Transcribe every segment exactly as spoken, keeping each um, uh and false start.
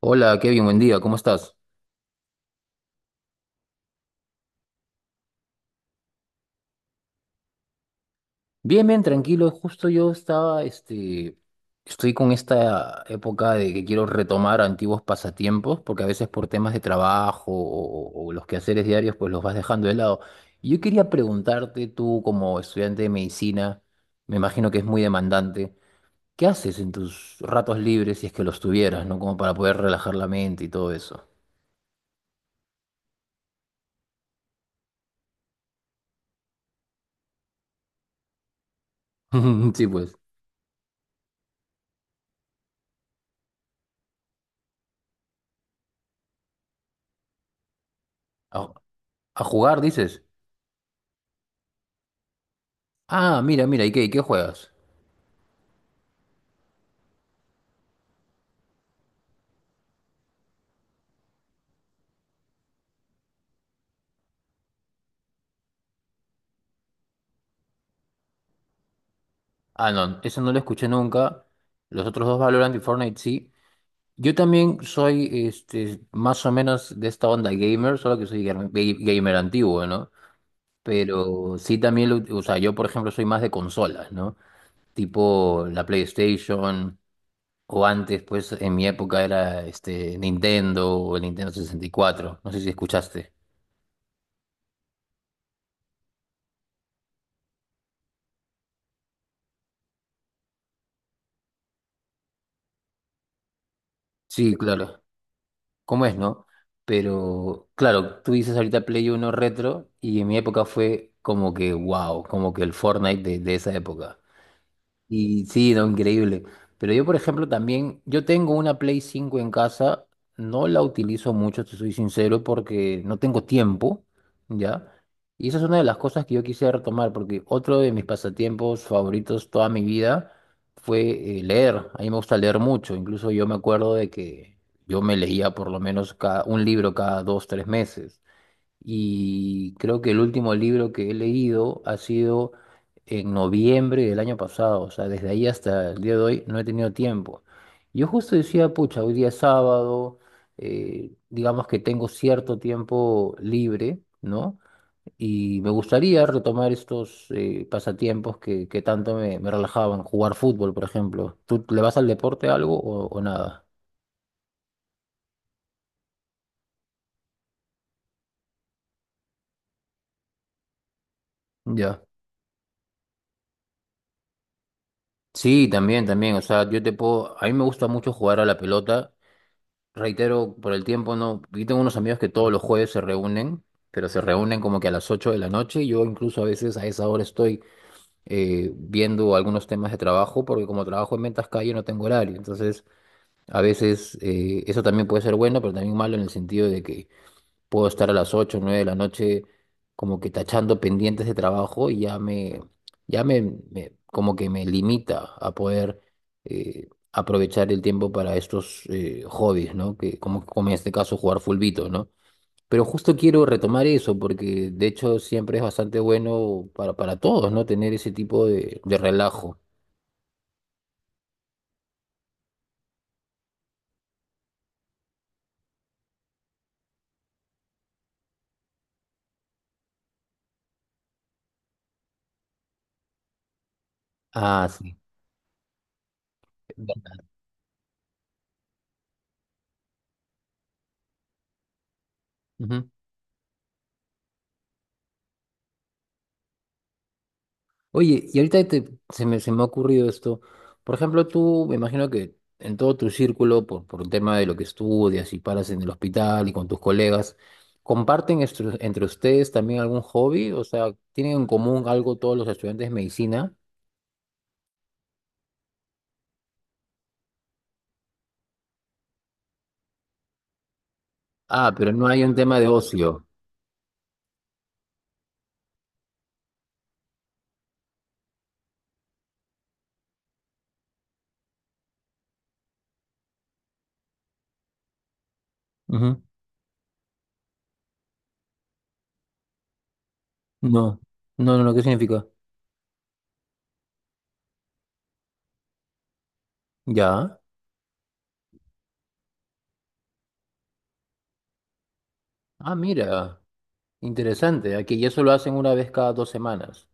Hola, Kevin, buen día, ¿cómo estás? Bien, bien, tranquilo. Justo yo estaba, este, estoy con esta época de que quiero retomar antiguos pasatiempos, porque a veces por temas de trabajo o, o los quehaceres diarios, pues los vas dejando de lado. Y yo quería preguntarte, tú como estudiante de medicina, me imagino que es muy demandante, ¿qué haces en tus ratos libres si es que los tuvieras, ¿no? Como para poder relajar la mente y todo eso. Sí, pues. A, a jugar, dices. Ah, mira, mira, ¿y qué, y qué juegas? Ah, no, eso no lo escuché nunca. Los otros dos Valorant y Fortnite sí. Yo también soy este, más o menos de esta onda gamer, solo que soy gar- ga- gamer antiguo, ¿no? Pero sí también, lo, o sea, yo por ejemplo soy más de consolas, ¿no? Tipo la PlayStation, o antes, pues en mi época era este, Nintendo o el Nintendo sesenta y cuatro. No sé si escuchaste. Sí, claro. ¿Cómo es, no? Pero claro, tú dices ahorita Play Uno retro y en mi época fue como que wow, como que el Fortnite de, de esa época. Y sí, no, increíble. Pero yo, por ejemplo, también, yo tengo una Play cinco en casa, no la utilizo mucho, te soy sincero, porque no tengo tiempo, ¿ya? Y esa es una de las cosas que yo quise retomar, porque otro de mis pasatiempos favoritos toda mi vida fue eh, leer. A mí me gusta leer mucho, incluso yo me acuerdo de que yo me leía por lo menos cada, un libro cada dos, tres meses y creo que el último libro que he leído ha sido en noviembre del año pasado, o sea, desde ahí hasta el día de hoy no he tenido tiempo. Yo justo decía, pucha, hoy día es sábado, eh, digamos que tengo cierto tiempo libre, ¿no? Y me gustaría retomar estos eh, pasatiempos que, que tanto me, me relajaban, jugar fútbol, por ejemplo. ¿Tú le vas al deporte algo o, o nada? Ya. Sí, también, también. O sea, yo te puedo. A mí me gusta mucho jugar a la pelota. Reitero, por el tiempo no. Yo tengo unos amigos que todos los jueves se reúnen, pero se reúnen como que a las ocho de la noche. Y yo incluso a veces a esa hora estoy eh, viendo algunos temas de trabajo, porque como trabajo en ventas calle no tengo horario. Entonces, a veces eh, eso también puede ser bueno, pero también malo en el sentido de que puedo estar a las ocho o nueve de la noche como que tachando pendientes de trabajo y ya me, ya me, me- como que me limita a poder eh, aprovechar el tiempo para estos eh, hobbies, ¿no? Que, como, como en este caso jugar fulbito, ¿no? Pero justo quiero retomar eso porque de hecho siempre es bastante bueno para, para todos, ¿no? Tener ese tipo de, de relajo. Ah, sí. Ujú. Oye, y ahorita te- se me, se me ha ocurrido esto. Por ejemplo, tú, me imagino que en todo tu círculo, por, por el tema de lo que estudias y paras en el hospital y con tus colegas, ¿comparten estru- entre ustedes también algún hobby? O sea, ¿tienen en común algo todos los estudiantes de medicina? Ah, pero no hay un tema de ocio. Ujú. No. No, no, no, ¿qué significa? Ya. Ah, mira, interesante. Aquí y eso lo hacen una vez cada dos semanas.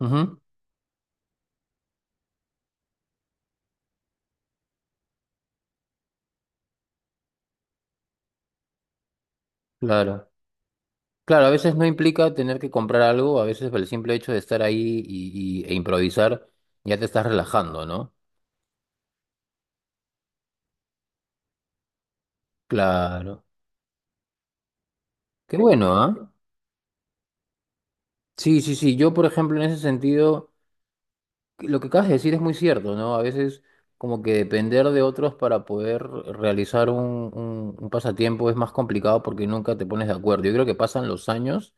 Ujú. Claro. Claro, a veces no implica tener que comprar algo, a veces el simple hecho de estar ahí y, y- e improvisar ya te estás relajando, ¿no? Claro. Qué bueno, ¿ah? Sí, sí, sí. Yo, por ejemplo, en ese sentido. Lo que acabas de decir es muy cierto, ¿no? A veces como que depender de otros para poder realizar un, un- un pasatiempo es más complicado porque nunca te pones de acuerdo. Yo creo que pasan los años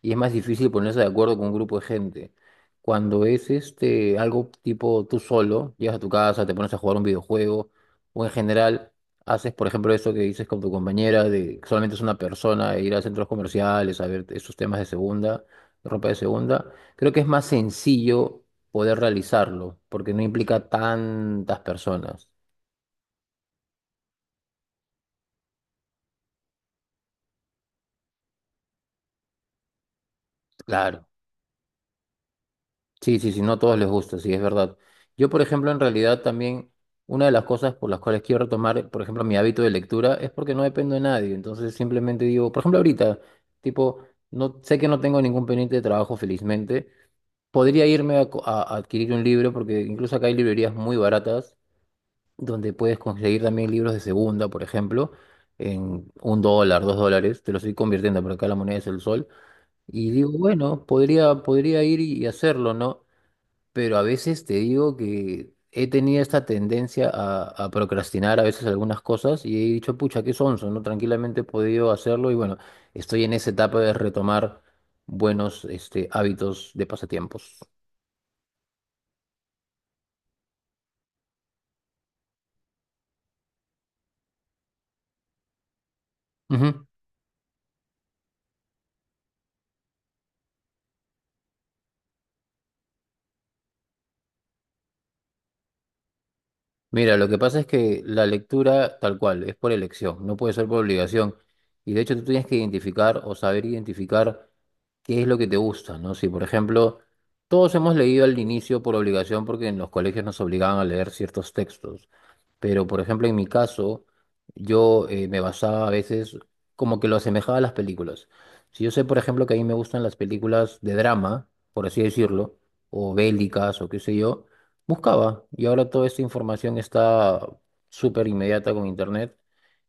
y es más difícil ponerse de acuerdo con un grupo de gente. Cuando es este algo tipo tú solo, llegas a tu casa, te pones a jugar un videojuego o en general haces, por ejemplo, eso que dices con tu compañera de que solamente es una persona e ir a centros comerciales a ver esos temas de segunda, ropa de segunda creo que es más sencillo poder realizarlo, porque no implica tantas personas. Claro. Sí, sí, sí, no a todos les gusta, sí, es verdad. Yo, por ejemplo, en realidad también una de las cosas por las cuales quiero retomar, por ejemplo, mi hábito de lectura es porque no dependo de nadie. Entonces simplemente digo, por ejemplo, ahorita, tipo, no sé que no tengo ningún pendiente de trabajo, felizmente. Podría irme a, co- a- a adquirir un libro, porque incluso acá hay librerías muy baratas donde puedes conseguir también libros de segunda, por ejemplo, en un dólar, dos dólares, te lo estoy convirtiendo, pero acá la moneda es el sol, y digo, bueno, podría, podría ir y y hacerlo, ¿no? Pero a veces te digo que he tenido esta tendencia a, a procrastinar a veces algunas cosas y he dicho, pucha, qué sonso, ¿no? Tranquilamente he podido hacerlo y bueno, estoy en esa etapa de retomar buenos, este, hábitos de pasatiempos. Ujú. Mira, lo que pasa es que la lectura tal cual es por elección, no puede ser por obligación. Y de hecho tú tienes que identificar o saber identificar qué es lo que te gusta, ¿no? Si por ejemplo todos hemos leído al inicio por obligación porque en los colegios nos obligaban a leer ciertos textos, pero por ejemplo en mi caso yo eh, me basaba a veces como que lo asemejaba a las películas. Si yo sé por ejemplo que a mí me gustan las películas de drama, por así decirlo, o bélicas o qué sé yo buscaba y ahora toda esta información está súper inmediata con internet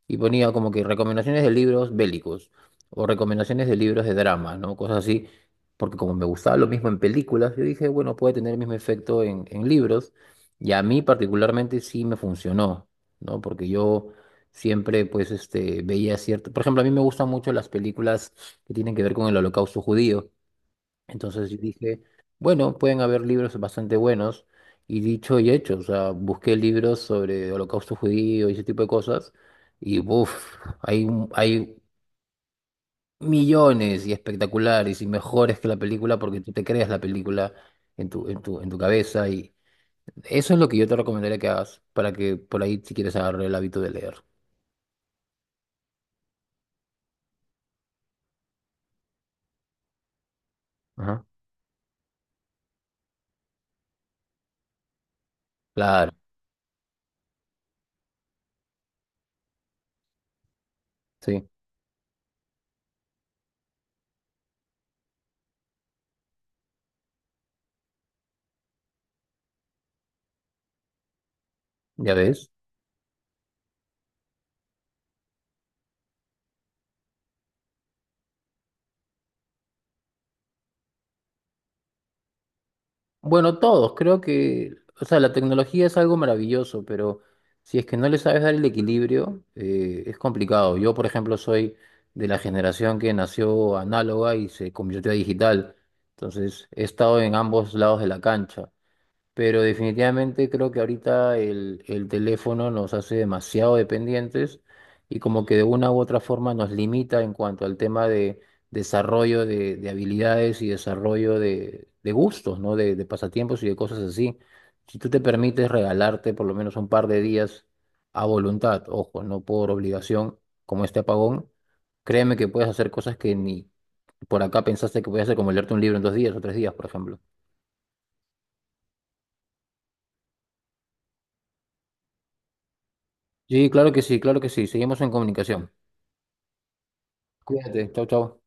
y ponía como que recomendaciones de libros bélicos o recomendaciones de libros de drama, ¿no? Cosas así, porque como me gustaba lo mismo en películas, yo dije, bueno, puede tener el mismo efecto en, en libros y a mí particularmente sí me funcionó, ¿no? Porque yo siempre pues este, veía cierto, por ejemplo, a mí me gustan mucho las películas que tienen que ver con el holocausto judío. Entonces yo dije, bueno, pueden haber libros bastante buenos. Y dicho y hecho, o sea, busqué libros sobre holocausto judío y ese tipo de cosas. Y uff, hay, un- hay millones y espectaculares y mejores que la película porque tú te creas la película en tu, en tu, en tu cabeza. Y eso es lo que yo te recomendaría que hagas para que por ahí, si quieres, agarrar el hábito de leer. Ajá. Claro, sí, ya ves. Bueno, todos, creo que, o sea, la tecnología es algo maravilloso, pero si es que no le sabes dar el equilibrio, eh, es complicado. Yo, por ejemplo, soy de la generación que nació análoga y se convirtió a digital, entonces he estado en ambos lados de la cancha. Pero definitivamente creo que ahorita el, el teléfono nos hace demasiado dependientes y como que de una u otra forma nos limita en cuanto al tema de desarrollo de, de habilidades y desarrollo de, de gustos, ¿no? De, de pasatiempos y de cosas así. Si tú te permites regalarte por lo menos un par de días a voluntad, ojo, no por obligación, como este apagón, créeme que puedes hacer cosas que ni por acá pensaste que podías hacer, como leerte un libro en dos días o tres días, por ejemplo. Sí, claro que sí, claro que sí. Seguimos en comunicación. Cuídate, chao, chao.